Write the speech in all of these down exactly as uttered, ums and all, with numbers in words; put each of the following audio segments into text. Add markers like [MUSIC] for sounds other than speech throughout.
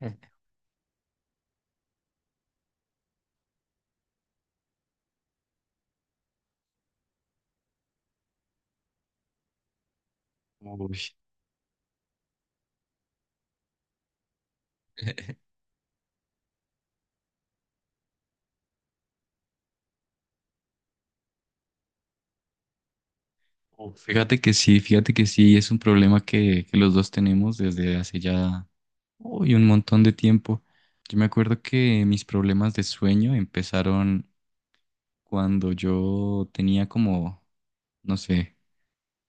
Uy, oh, fíjate que sí, fíjate que sí, es un problema que, que los dos tenemos desde hace ya uy, un montón de tiempo. Yo me acuerdo que mis problemas de sueño empezaron cuando yo tenía como, no sé,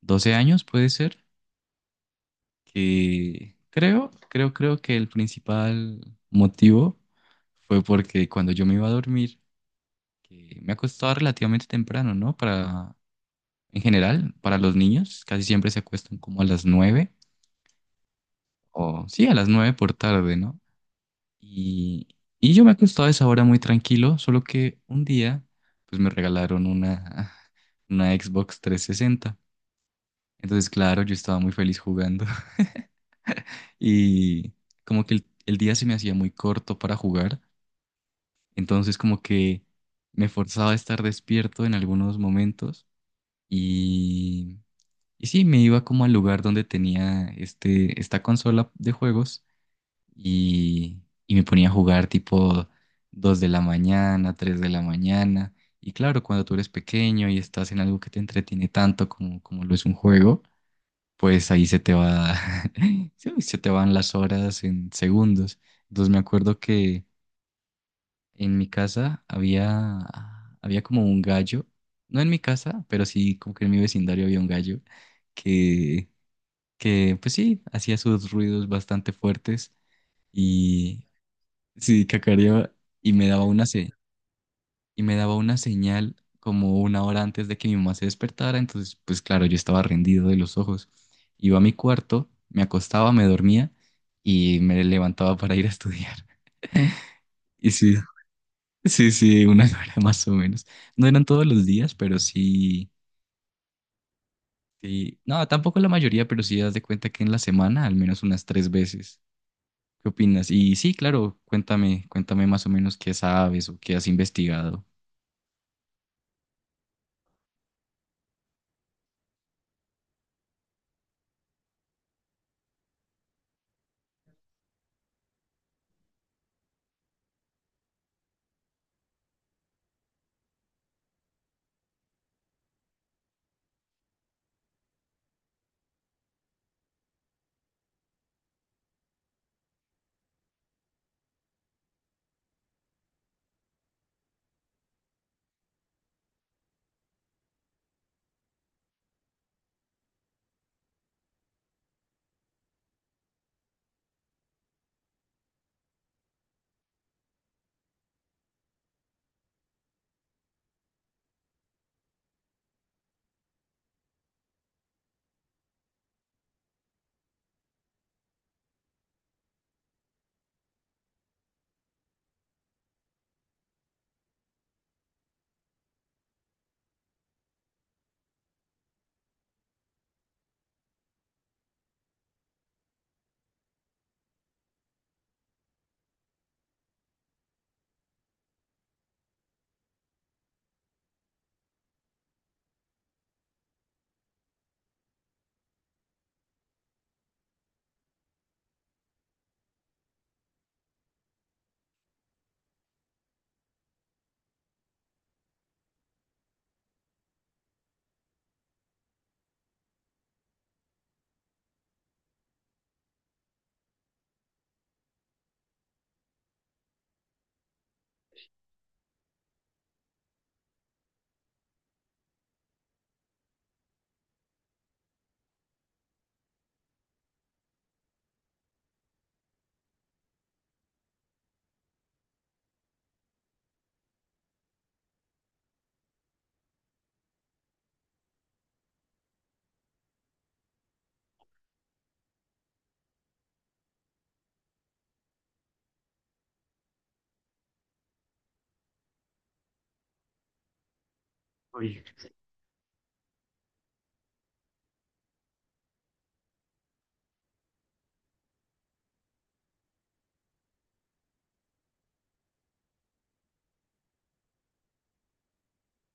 doce años, puede ser, que creo, creo, creo que el principal motivo fue porque cuando yo me iba a dormir, que me acostaba relativamente temprano, ¿no? Para, en general, para los niños, casi siempre se acuestan como a las nueve o sí, a las nueve por tarde, ¿no? Y, y yo me acostaba a esa hora muy tranquilo, solo que un día, pues me regalaron una, [LAUGHS] una Xbox trescientos sesenta. Entonces, claro, yo estaba muy feliz jugando. [LAUGHS] Y como que el, el día se me hacía muy corto para jugar, entonces como que me forzaba a estar despierto en algunos momentos y, y sí, me iba como al lugar donde tenía este, esta consola de juegos y, y me ponía a jugar tipo dos de la mañana, tres de la mañana. Y claro, cuando tú eres pequeño y estás en algo que te entretiene tanto como, como lo es un juego, pues ahí se te va, [LAUGHS] sí, se te van las horas en segundos. Entonces me acuerdo que en mi casa había, había como un gallo, no en mi casa, pero sí como que en mi vecindario había un gallo que, que pues sí, hacía sus ruidos bastante fuertes y, sí, cacareaba y me daba una se- y me daba una señal como una hora antes de que mi mamá se despertara. Entonces pues claro, yo estaba rendido de los ojos. Iba a mi cuarto, me acostaba, me dormía y me levantaba para ir a estudiar. [LAUGHS] Y sí, sí, sí, una [LAUGHS] hora más o menos. No eran todos los días, pero sí, sí, no, tampoco la mayoría, pero sí das de cuenta que en la semana al menos unas tres veces. ¿Qué opinas? Y sí, claro, cuéntame, cuéntame más o menos qué sabes o qué has investigado.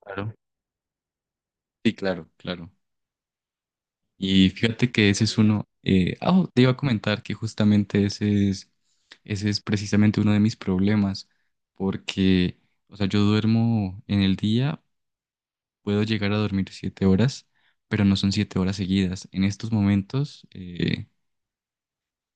Claro. Sí, claro, claro. Y fíjate que ese es uno. eh, ah, oh, te iba a comentar que justamente ese es, ese es precisamente uno de mis problemas, porque, o sea, yo duermo en el día, puedo llegar a dormir siete horas, pero no son siete horas seguidas. En estos momentos, eh,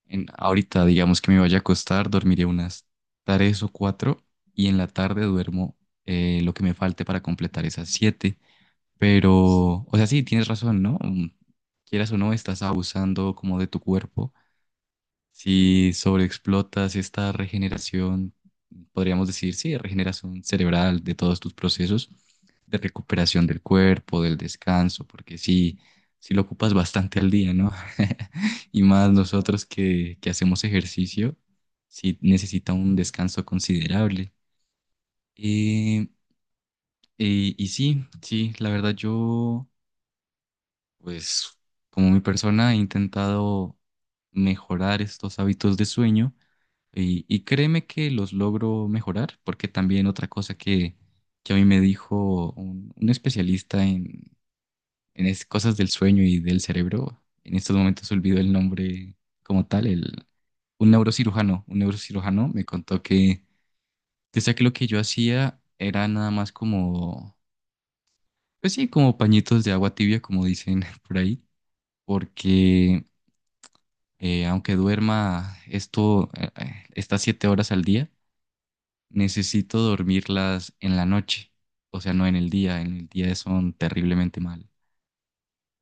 en, ahorita, digamos que me vaya a acostar, dormiré unas tres o cuatro, y en la tarde duermo eh, lo que me falte para completar esas siete. Pero, o sea, sí, tienes razón, ¿no? Mm, Quieras o no, estás abusando como de tu cuerpo. Si sobreexplotas esta regeneración, podríamos decir, sí, regeneración cerebral de todos tus procesos de recuperación del cuerpo, del descanso, porque sí, sí lo ocupas bastante al día, ¿no? [LAUGHS] Y más nosotros que, que hacemos ejercicio, sí necesita un descanso considerable. Eh, eh, y sí, sí, la verdad yo... Pues como mi persona he intentado mejorar estos hábitos de sueño y, y créeme que los logro mejorar porque también otra cosa que, que a mí me dijo un, un especialista en, en es- cosas del sueño y del cerebro, en estos momentos olvido el nombre como tal, el, un neurocirujano, un neurocirujano me contó que decía que lo que yo hacía era nada más como, pues sí, como pañitos de agua tibia, como dicen [LAUGHS] por ahí porque Eh, aunque duerma esto, eh, eh, estas siete horas al día, necesito dormirlas en la noche, o sea, no en el día, en el día son terriblemente mal.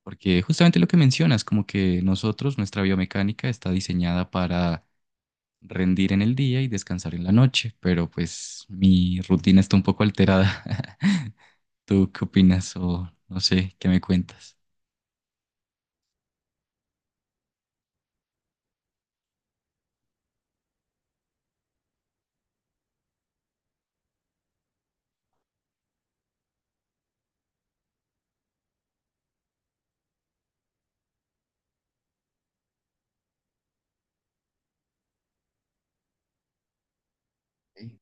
Porque justamente lo que mencionas, como que nosotros, nuestra biomecánica está diseñada para rendir en el día y descansar en la noche, pero pues mi rutina está un poco alterada. [LAUGHS] ¿Tú qué opinas o no sé, qué me cuentas? Sí.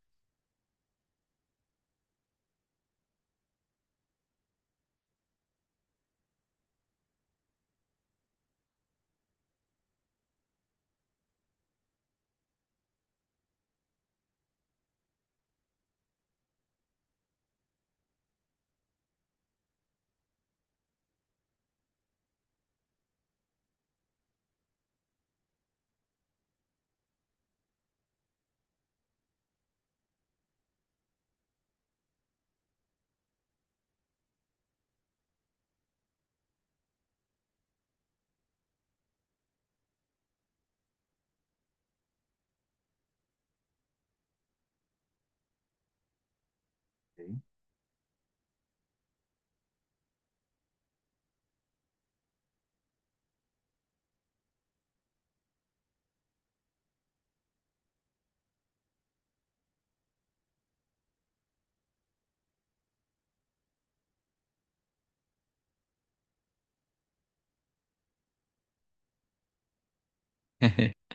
[LAUGHS]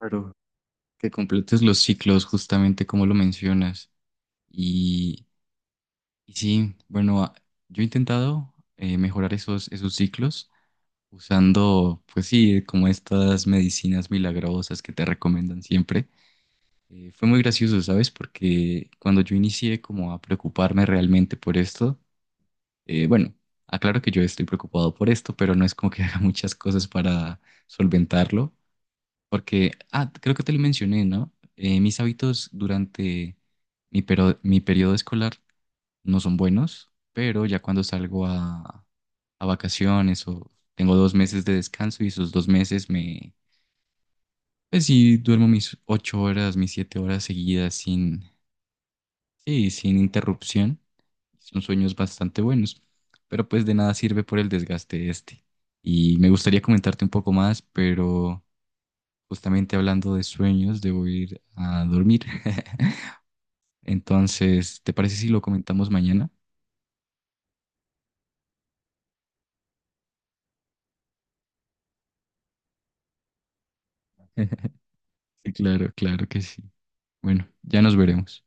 Claro, que completes los ciclos justamente como lo mencionas. Y sí, bueno, a- yo he intentado eh, mejorar esos, esos ciclos usando, pues sí, como estas medicinas milagrosas que te recomiendan siempre. Eh, fue muy gracioso, ¿sabes? Porque cuando yo inicié como a preocuparme realmente por esto, eh, bueno, aclaro que yo estoy preocupado por esto, pero no es como que [LAUGHS] haga muchas cosas para solventarlo, porque, ah, creo que te lo mencioné, ¿no? Eh, mis hábitos durante mi, pero- mi periodo escolar no son buenos, pero ya cuando salgo a, a vacaciones o tengo dos meses de descanso y esos dos meses me, pues sí, duermo mis ocho horas, mis siete horas seguidas sin, sí, sin interrupción. Son sueños bastante buenos, pero pues de nada sirve por el desgaste este. Y me gustaría comentarte un poco más, pero justamente hablando de sueños, debo ir a dormir. [LAUGHS] Entonces, ¿te parece si lo comentamos mañana? [LAUGHS] Sí, claro, claro que sí. Bueno, ya nos veremos.